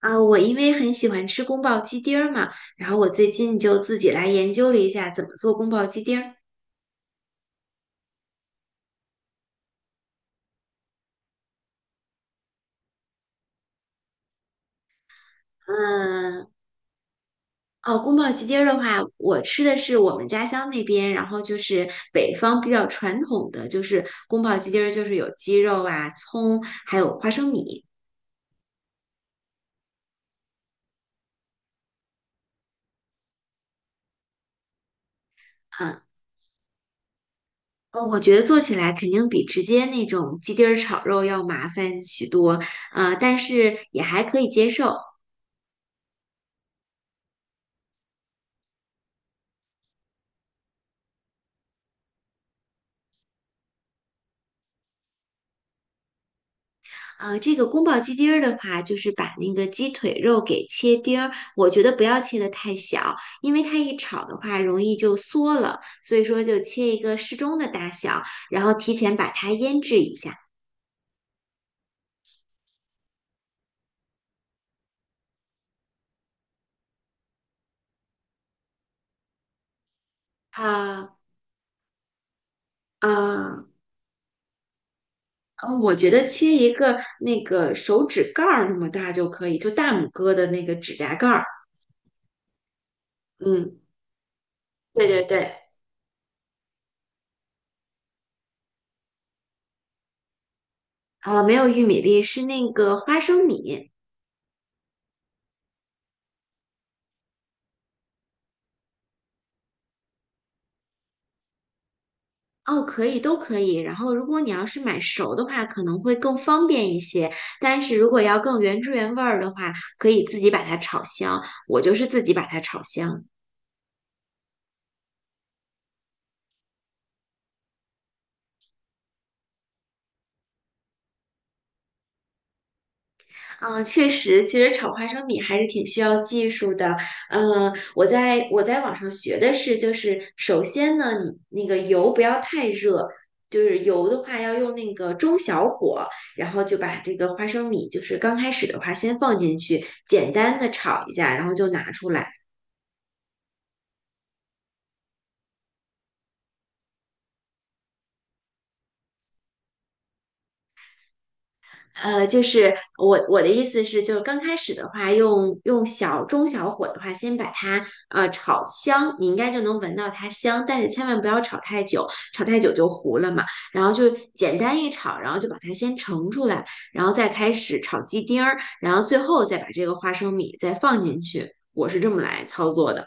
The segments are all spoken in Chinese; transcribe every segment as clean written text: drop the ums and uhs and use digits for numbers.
啊，我因为很喜欢吃宫保鸡丁儿嘛，然后我最近就自己来研究了一下怎么做宫保鸡丁儿。嗯，哦，宫保鸡丁儿的话，我吃的是我们家乡那边，然后就是北方比较传统的，就是宫保鸡丁儿就是有鸡肉啊、葱，还有花生米。嗯，我觉得做起来肯定比直接那种鸡丁儿炒肉要麻烦许多，但是也还可以接受。这个宫保鸡丁儿的话，就是把那个鸡腿肉给切丁儿，我觉得不要切得太小，因为它一炒的话容易就缩了，所以说就切一个适中的大小，然后提前把它腌制一下。啊啊，我觉得切一个那个手指盖儿那么大就可以，就大拇哥的那个指甲盖儿。嗯，对对对，啊，没有玉米粒，是那个花生米。哦，可以，都可以。然后，如果你要是买熟的话，可能会更方便一些。但是如果要更原汁原味儿的话，可以自己把它炒香。我就是自己把它炒香。嗯，确实，其实炒花生米还是挺需要技术的。嗯，我在网上学的是，就是首先呢，你那个油不要太热。就是油的话，要用那个中小火，然后就把这个花生米，就是刚开始的话，先放进去，简单的炒一下，然后就拿出来。就是我的意思是，就是刚开始的话，用小中小火的话，先把它炒香，你应该就能闻到它香，但是千万不要炒太久，炒太久就糊了嘛。然后就简单一炒，然后就把它先盛出来，然后再开始炒鸡丁儿，然后最后再把这个花生米再放进去。我是这么来操作的。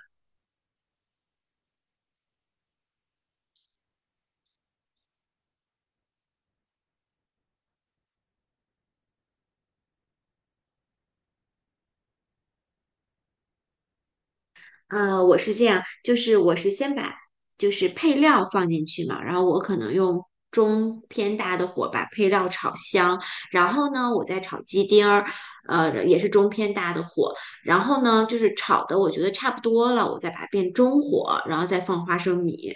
我是这样，就是我是先把就是配料放进去嘛，然后我可能用中偏大的火把配料炒香，然后呢，我再炒鸡丁儿，也是中偏大的火，然后呢，就是炒的我觉得差不多了，我再把它变中火，然后再放花生米。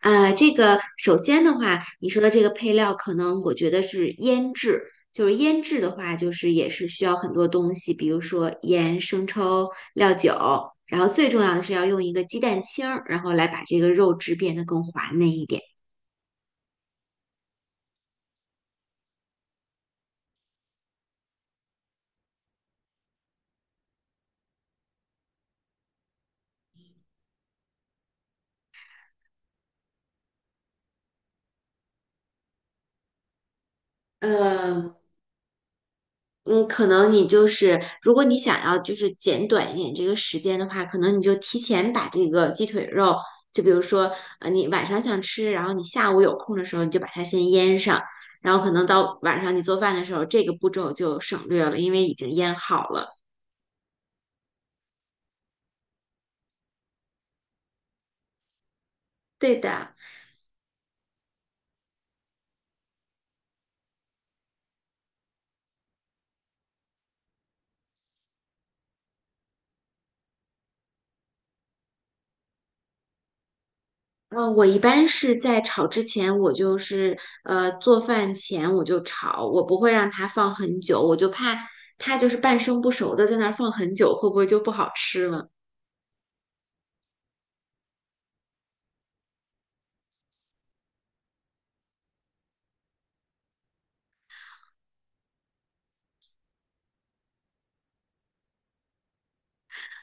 啊，这个首先的话，你说的这个配料，可能我觉得是腌制，就是腌制的话，就是也是需要很多东西，比如说盐、生抽、料酒，然后最重要的是要用一个鸡蛋清儿，然后来把这个肉质变得更滑嫩一点。嗯。嗯，可能你就是，如果你想要就是减短一点这个时间的话，可能你就提前把这个鸡腿肉，就比如说，你晚上想吃，然后你下午有空的时候，你就把它先腌上，然后可能到晚上你做饭的时候，这个步骤就省略了，因为已经腌好了。对的，嗯，我一般是在炒之前，我就是做饭前我就炒，我不会让它放很久，我就怕它就是半生不熟的在那儿放很久，会不会就不好吃了？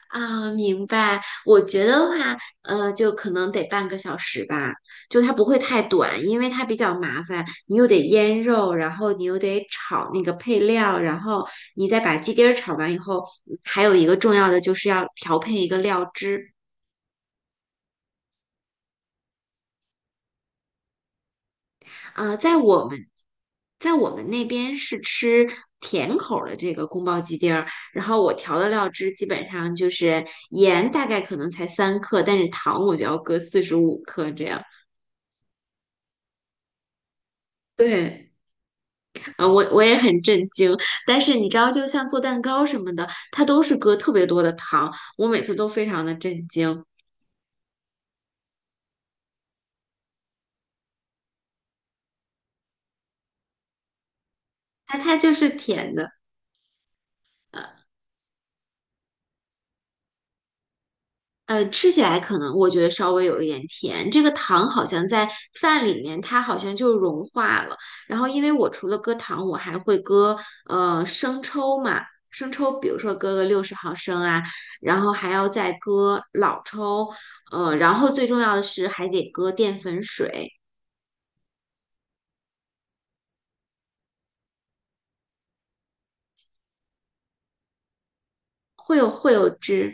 啊，明白。我觉得的话，就可能得半个小时吧，就它不会太短，因为它比较麻烦，你又得腌肉，然后你又得炒那个配料，然后你再把鸡丁儿炒完以后，还有一个重要的就是要调配一个料汁。啊，在我们那边是吃甜口儿的这个宫保鸡丁儿，然后我调的料汁基本上就是盐大概可能才3克，但是糖我就要搁45克这样。对。我也很震惊，但是你知道，就像做蛋糕什么的，它都是搁特别多的糖，我每次都非常的震惊。它就是甜的，呃吃起来可能我觉得稍微有一点甜。这个糖好像在饭里面，它好像就融化了。然后因为我除了搁糖，我还会搁生抽嘛，生抽比如说搁个60毫升啊，然后还要再搁老抽，然后最重要的是还得搁淀粉水。会有汁。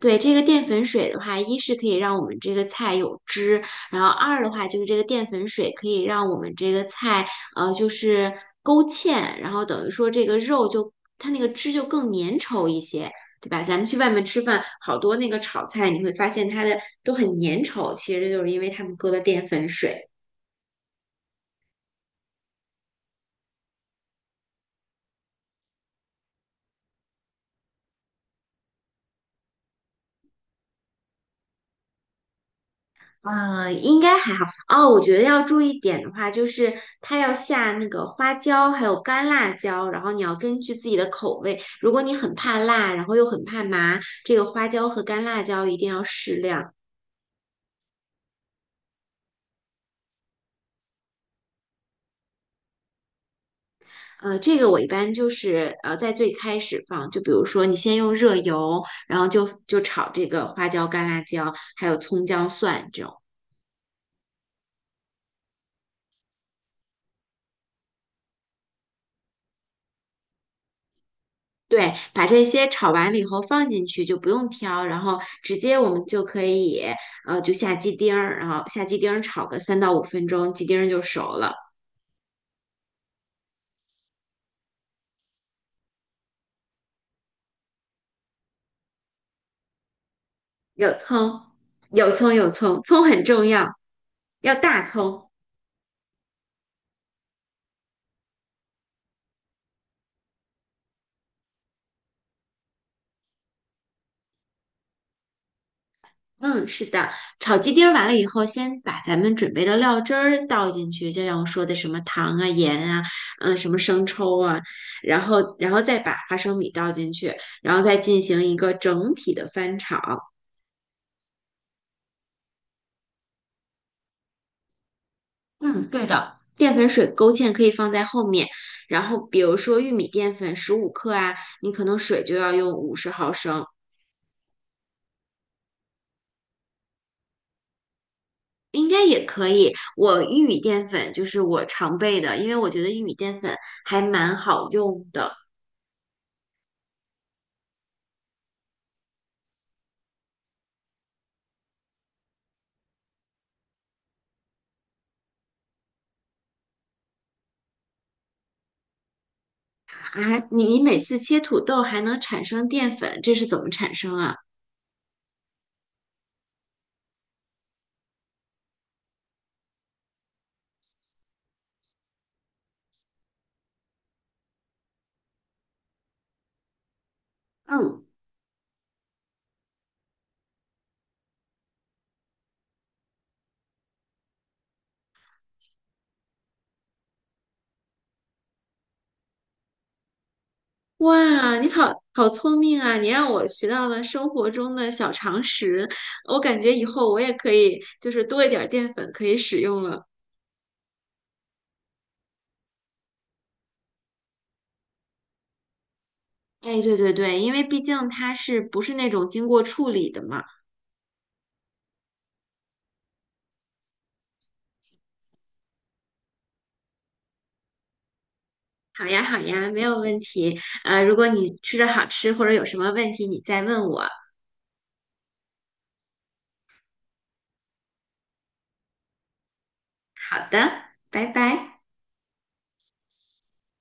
对，这个淀粉水的话，一是可以让我们这个菜有汁，然后二的话就是这个淀粉水可以让我们这个菜就是勾芡，然后等于说这个肉就它那个汁就更粘稠一些，对吧？咱们去外面吃饭，好多那个炒菜你会发现它的都很粘稠，其实就是因为他们搁了淀粉水。应该还好哦。我觉得要注意点的话，就是它要下那个花椒，还有干辣椒，然后你要根据自己的口味。如果你很怕辣，然后又很怕麻，这个花椒和干辣椒一定要适量。这个我一般就是在最开始放，就比如说你先用热油，然后就炒这个花椒、干辣椒，还有葱姜蒜这种。对，把这些炒完了以后放进去就不用挑，然后直接我们就可以就下鸡丁儿，然后下鸡丁儿炒个3到5分钟，鸡丁儿就熟了。有葱，有葱，有葱，葱很重要，要大葱。嗯，是的，炒鸡丁儿完了以后，先把咱们准备的料汁儿倒进去，就像我说的什么糖啊、盐啊，嗯，什么生抽啊，然后再把花生米倒进去，然后再进行一个整体的翻炒。嗯，对的，淀粉水勾芡可以放在后面，然后比如说玉米淀粉十五克啊，你可能水就要用50毫升。应该也可以。我玉米淀粉就是我常备的，因为我觉得玉米淀粉还蛮好用的。啊。你每次切土豆还能产生淀粉，这是怎么产生啊？嗯，哇，你好好聪明啊！你让我学到了生活中的小常识，我感觉以后我也可以就是多一点儿淀粉可以使用了。哎，对对对，因为毕竟它是不是那种经过处理的嘛？好呀，好呀，没有问题。如果你吃着好吃或者有什么问题，你再问我。好的，拜拜。